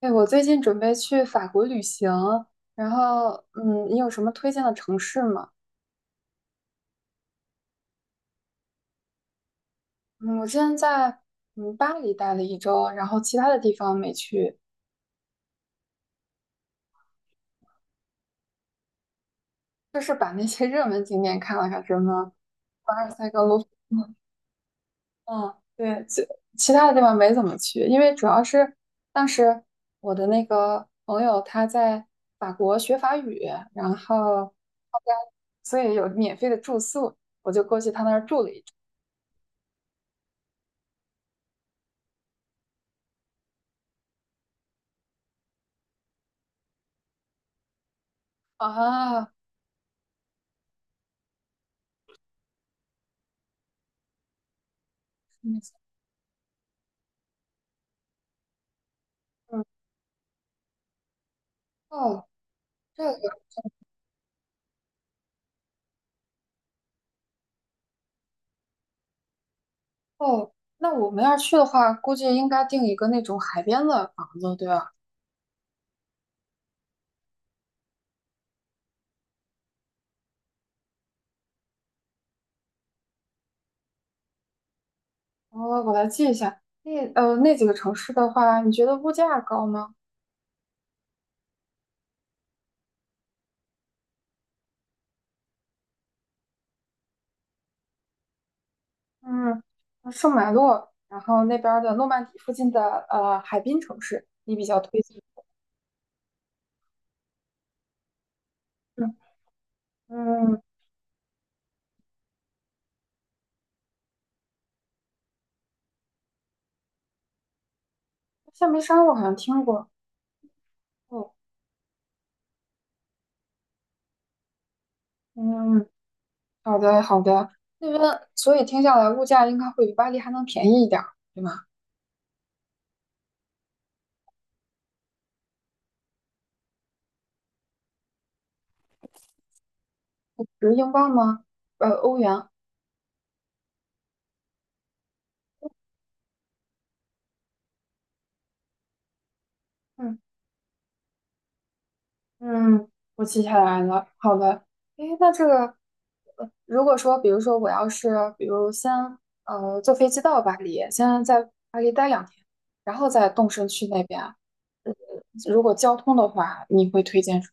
对，我最近准备去法国旅行，然后，你有什么推荐的城市吗？嗯，我之前在巴黎待了一周，然后其他的地方没去，就是把那些热门景点看了看，什么凡尔赛宫、卢浮宫嗯，对，其他的地方没怎么去，因为主要是当时我的那个朋友他在法国学法语，然后他家所以有免费的住宿，我就过去他那儿啊，嗯。嗯哦，这以后，那我们要去的话，估计应该订一个那种海边的房子，对吧？我来记一下，那那几个城市的话，你觉得物价高吗？嗯，圣马洛，然后那边儿的诺曼底附近的海滨城市，你比较推荐？嗯嗯，夏梅沙我好像听过哦，嗯，好的好的，那边所以听下来物价应该会比巴黎还能便宜一点儿，对吗？是英镑吗？欧元。嗯。嗯，我记下来了。好的，诶，那这个，如果说，比如说我要是，比如先坐飞机到巴黎，先在巴黎待2天，然后再动身去那边。如果交通的话，你会推荐什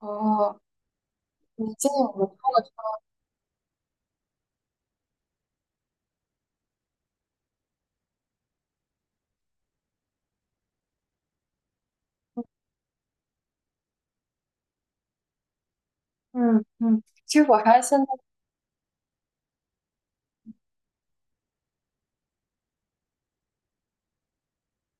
么？哦，你建议我们通过，嗯嗯，其实我还现在，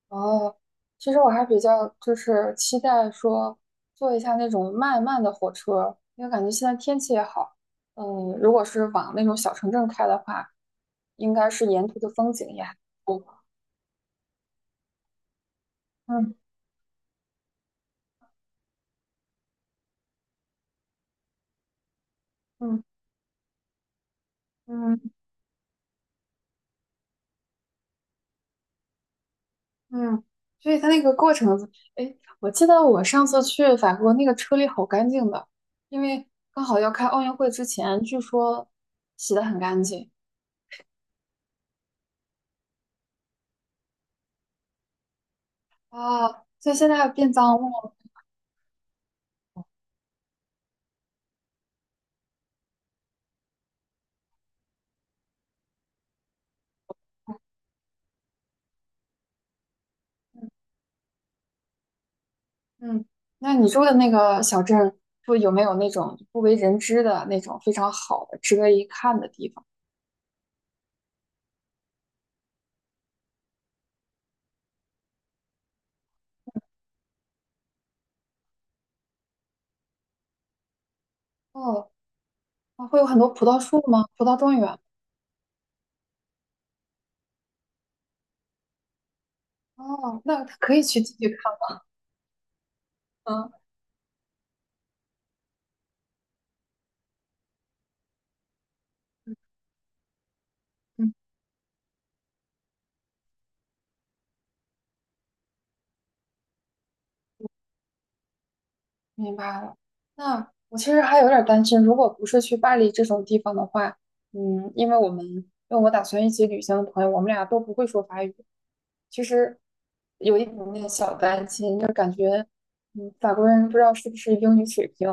哦，其实我还比较就是期待说坐一下那种慢慢的火车，因为感觉现在天气也好。嗯，如果是往那种小城镇开的话。应该是沿途的风景也还不错。嗯嗯嗯嗯，所以它那个过程子，哎，我记得我上次去法国那个车里好干净的，因为刚好要开奥运会之前，据说洗得很干净啊，所以现在变脏了。嗯嗯，那你住的那个小镇，就有没有那种不为人知的那种非常好的、值得一看的地方？哦，那会有很多葡萄树吗？葡萄庄园？哦，那可以去继续看。嗯嗯。明白了。那我其实还有点儿担心，如果不是去巴黎这种地方的话，嗯，因为我打算一起旅行的朋友，我们俩都不会说法语，其实有一点点小担心，就感觉，嗯，法国人不知道是不是英语水平，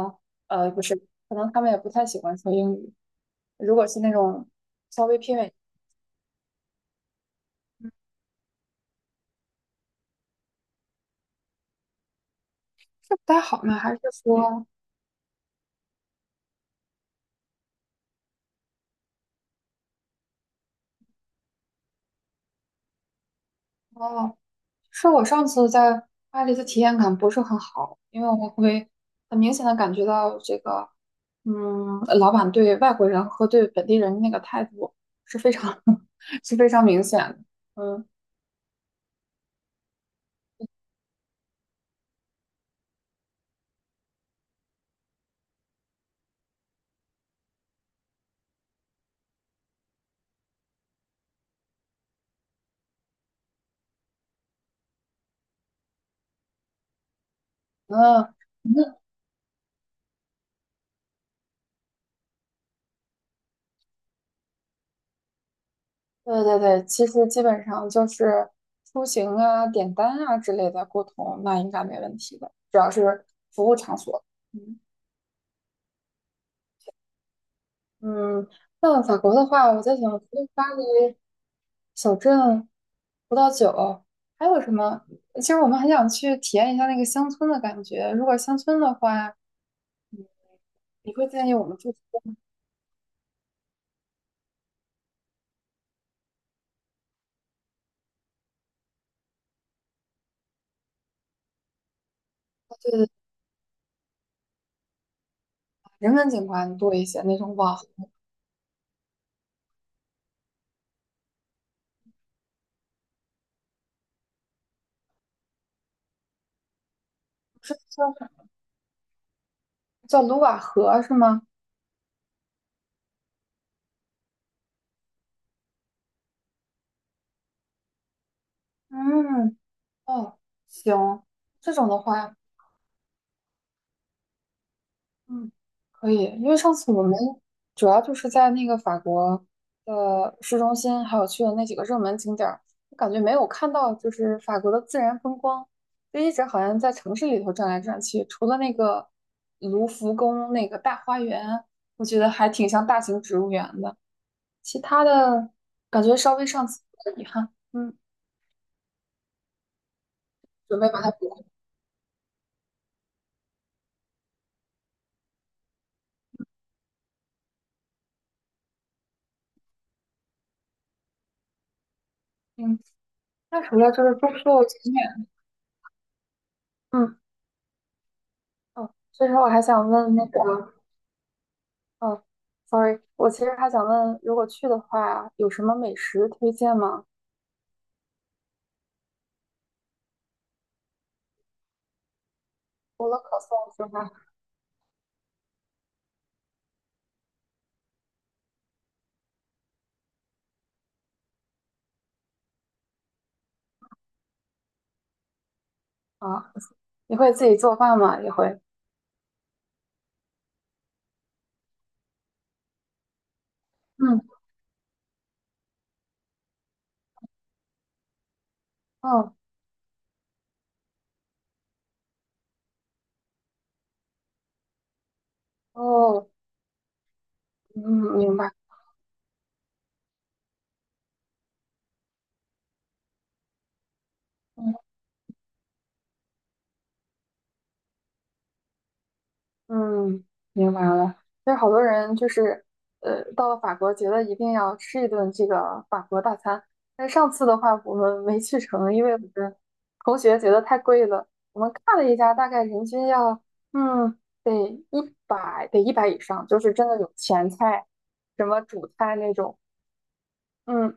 不是，可能他们也不太喜欢说英语。如果是那种稍微偏远，是不太好呢，还是说，哦，是我上次在巴黎的体验感不是很好，因为我会很明显的感觉到这个，嗯，老板对外国人和对本地人那个态度是非常 是非常明显的。嗯嗯嗯，对对对，其实基本上就是出行啊、点单啊之类的沟通，那应该没问题的，主要是服务场所。嗯嗯，那法国的话，我在想，除了巴黎。小镇葡萄酒，还有什么？其实我们很想去体验一下那个乡村的感觉。如果乡村的话，嗯，你会建议我们住对对，人文景观多一些，那种瓦，红是叫什么叫卢瓦河是吗？嗯，哦，行，这种的话。嗯，可以，因为上次我们主要就是在那个法国的市中心，还有去的那几个热门景点儿，我感觉没有看到就是法国的自然风光，就一直好像在城市里头转来转去，除了那个卢浮宫那个大花园，我觉得还挺像大型植物园的，其他的感觉稍微上次有点遗憾，嗯，准备把它补回。嗯，那除了就是住宿景点，嗯，哦，所以说我还想问那个。哦，sorry，我其实还想问，如果去的话，有什么美食推荐吗？除了可颂之外，啊，你会自己做饭吗？也会。嗯，哦，哦，嗯，明白。嗯。嗯，明白了。就是好多人就是，到了法国觉得一定要吃一顿这个法国大餐。但是上次的话，我们没去成，因为我们同学觉得太贵了。我们看了一下，大概人均要，嗯，得一百，得100以上，就是真的有前菜，什么主菜那种。嗯，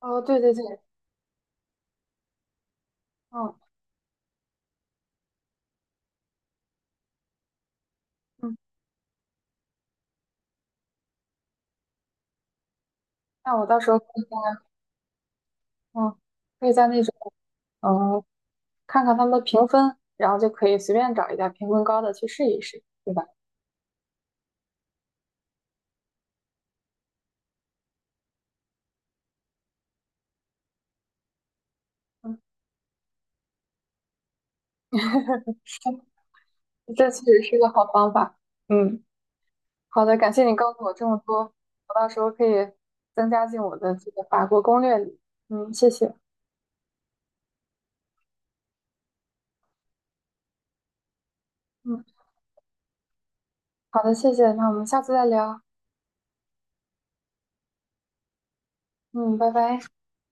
哦，对对对，嗯嗯，那我到时候可以在嗯，可以在那种。嗯。看看他们的评分，然后就可以随便找一家评分高的去试一试，对吧？嗯，这确实是个好方法。嗯，好的，感谢你告诉我这么多，我到时候可以增加进我的这个法国攻略里。嗯，谢谢。嗯，好的，谢谢。那我们下次再聊。嗯，拜拜。